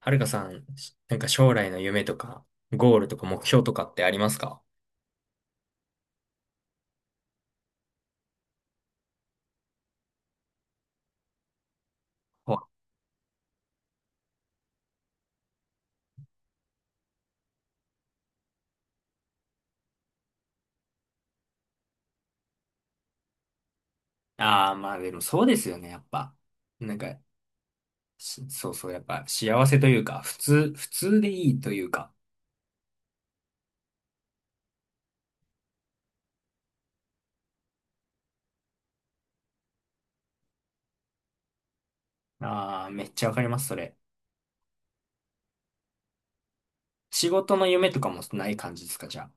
はるかさん、将来の夢とか、ゴールとか目標とかってありますか？ああー、まあでもそうですよね、やっぱ。なんか、そうそう、やっぱ幸せというか、普通、普通でいいというか。ああ、めっちゃわかります、それ。仕事の夢とかもない感じですか、じゃ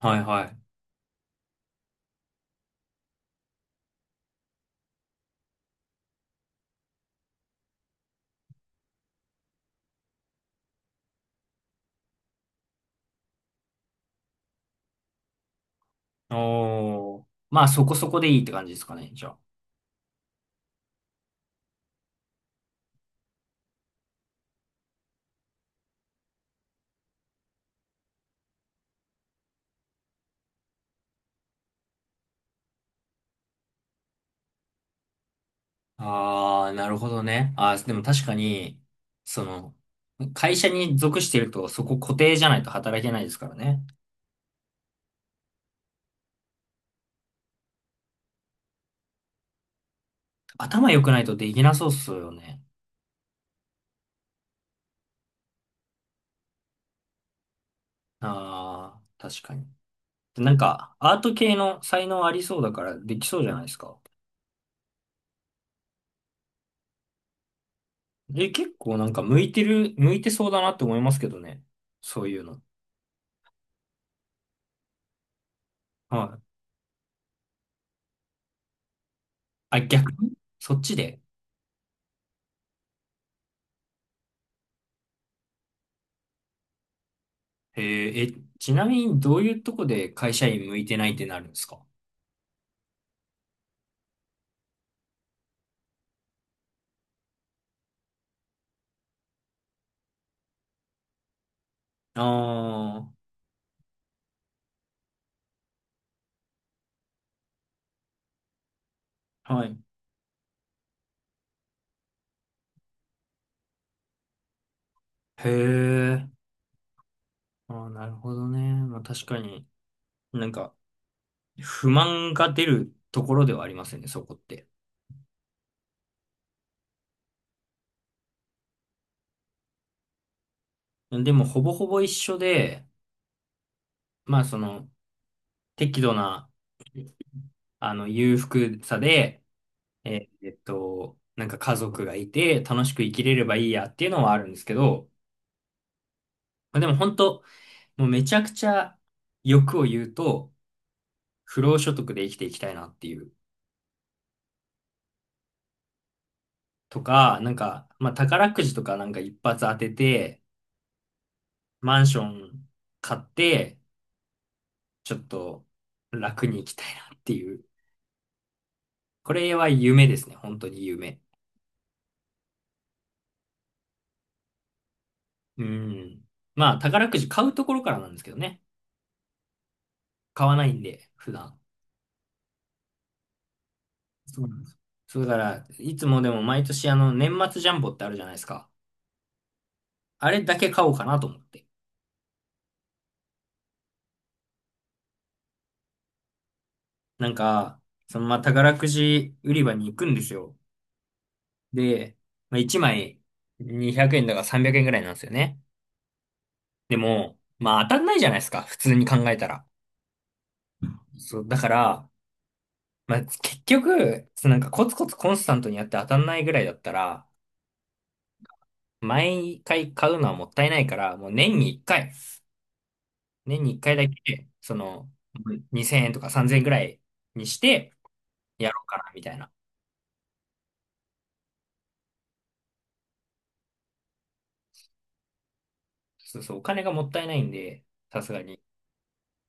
あ。はいはい。おー。まあそこそこでいいって感じですかね、じゃあ。ああ、なるほどね。ああ、でも確かに、その、会社に属してるとそこ固定じゃないと働けないですからね。頭良くないとできなそうっすよね。ああ、確かに。アート系の才能ありそうだからできそうじゃないですか。え、結構向いてる、向いてそうだなって思いますけどね。そういうの。はい。あ、逆にそっちで。えーえ、ちなみにどういうとこで会社員向いてないってなるんですか？ああー、はい。へえ。あー、なるほどね。まあ確かに、なんか、不満が出るところではありますよね、そこって。でも、ほぼほぼ一緒で、まあ、その、適度な、あの、裕福さで、家族がいて、楽しく生きれればいいやっていうのはあるんですけど、まあでも本当、もうめちゃくちゃ欲を言うと、不労所得で生きていきたいなっていう。とか、まあ宝くじとか一発当てて、マンション買って、ちょっと楽に生きたいなっていう。これは夢ですね、本当に夢。うん。まあ、宝くじ買うところからなんですけどね。買わないんで、普段。そうなんです。そうだから、いつもでも毎年あの、年末ジャンボってあるじゃないですか。あれだけ買おうかなと思って。なんか、そのまあ、宝くじ売り場に行くんですよ。で、まあ、1枚200円だから300円ぐらいなんですよね。でも、まあ当たんないじゃないですか。普通に考えたら。そう、だから、まあ結局、そのコツコツコンスタントにやって当たんないぐらいだったら、毎回買うのはもったいないから、もう年に1回、年に1回だけ、その、2000円とか3000円ぐらいにしてやろうかな、みたいな。そうそう、お金がもったいないんで、さすがに。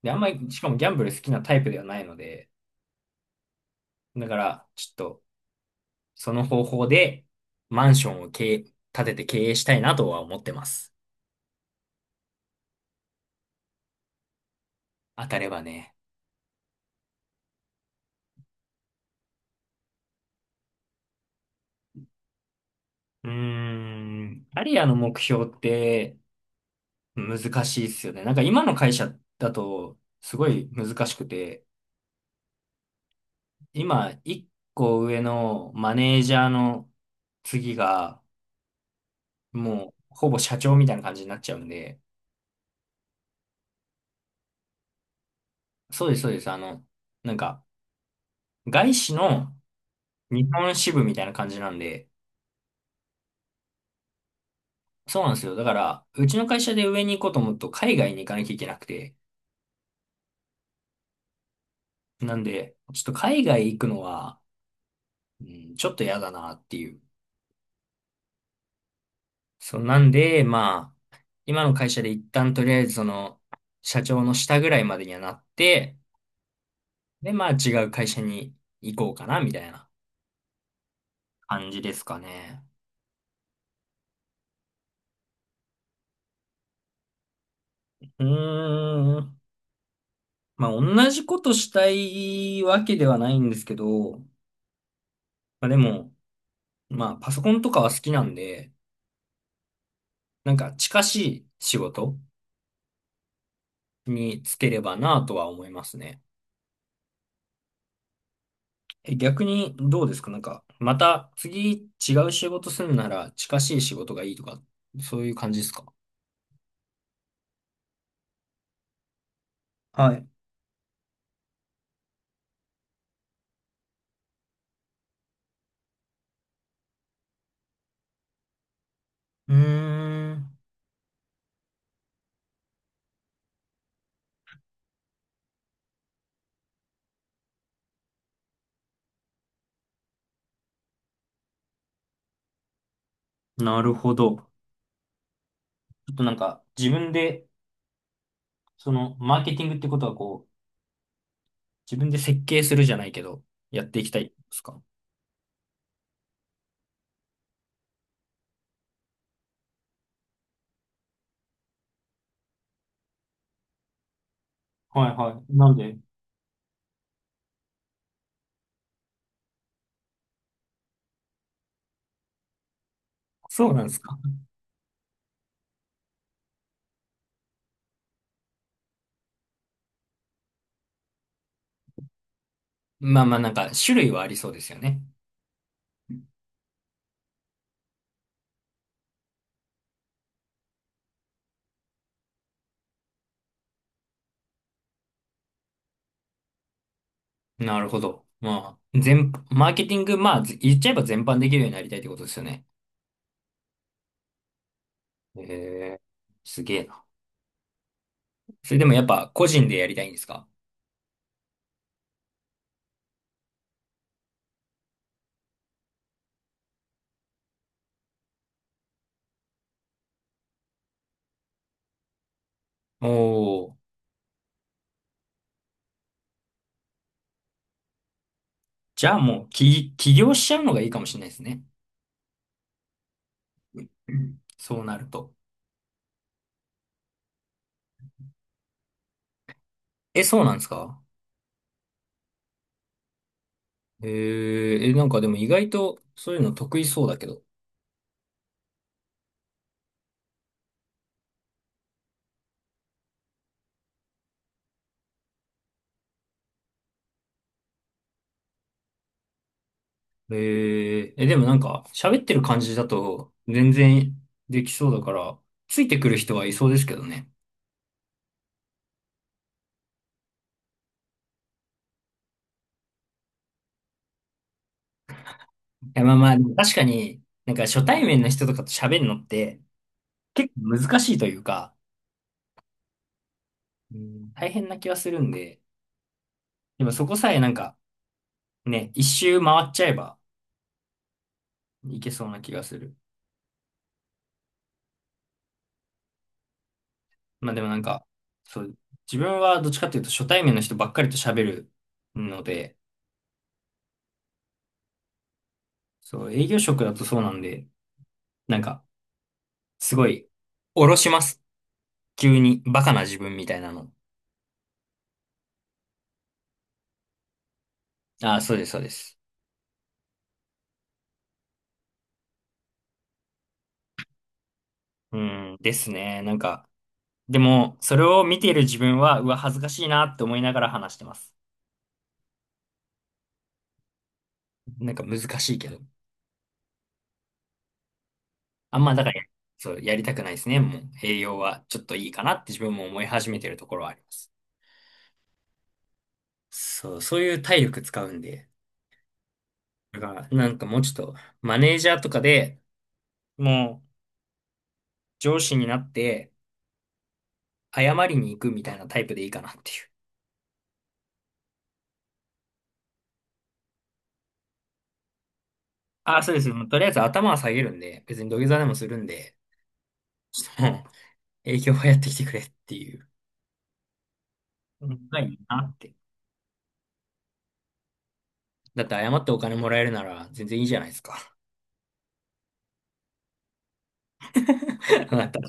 で、あんまり、しかもギャンブル好きなタイプではないので、だから、ちょっと、その方法で、マンションを経営、建てて経営したいなとは思ってます。当たればね。うーん、アリアの目標って、難しいっすよね。なんか今の会社だとすごい難しくて、今一個上のマネージャーの次がもうほぼ社長みたいな感じになっちゃうんで、そうです、そうです。あの、なんか外資の日本支部みたいな感じなんで、そうなんですよ。だから、うちの会社で上に行こうと思うと海外に行かなきゃいけなくて、なんで、ちょっと海外行くのは、うん、ちょっと嫌だなっていう。そう、なんで、まあ、今の会社で一旦とりあえずその、社長の下ぐらいまでにはなって、で、まあ違う会社に行こうかな、みたいな感じですかね。うーん。まあ同じことしたいわけではないんですけど、あでも、まあパソコンとかは好きなんで、なんか近しい仕事に就ければなとは思いますね。え、逆にどうですかなんか、また次違う仕事するなら近しい仕事がいいとか、そういう感じですか？はい。うーん。なるほど。ちょっとなんか自分で、そのマーケティングってことはこう、自分で設計するじゃないけど、やっていきたいですか？はいはい。なんで、そうなんですか？まあまあなんか種類はありそうですよね。なるほど。まあ、全、マーケティング、まあ、言っちゃえば全般できるようになりたいってことですよね。へえ、すげえな。それでもやっぱ個人でやりたいんですか？おー。じゃあもう起業しちゃうのがいいかもしれないですね。そうなると。え、そうなんですか？えー、え、なんかでも意外とそういうの得意そうだけど。えー、え、でもなんか喋ってる感じだと全然できそうだから、ついてくる人はいそうですけどね。いや、まあまあ、でも確かになんか初対面の人とかと喋るのって結構難しいというか、うん、大変な気はするんで、でもそこさえなんかね、一周回っちゃえば、いけそうな気がする。まあでもなんか、そう、自分はどっちかっていうと初対面の人ばっかりと喋るので、そう、営業職だとそうなんで、なんか、すごい、おろします。急に、バカな自分みたいなの。ああ、そうです、そうです。うん、ですね。でも、それを見ている自分は、うわ、恥ずかしいなって思いながら話してます。なんか難しいけど。あんま、だから、そう、やりたくないですね。もう、栄養はちょっといいかなって自分も思い始めてるところはあります。そう、そういう体力使うんで、だから、なんかもうちょっと、マネージャーとかでもう上司になって謝りに行くみたいなタイプでいいかなっていう。あそうです。もうとりあえず頭は下げるんで、別に土下座でもするんで、ちょっともう営業はやってきてくれっていう。うんがいいなって。だって謝ってお金もらえるなら全然いいじゃないですか。あなた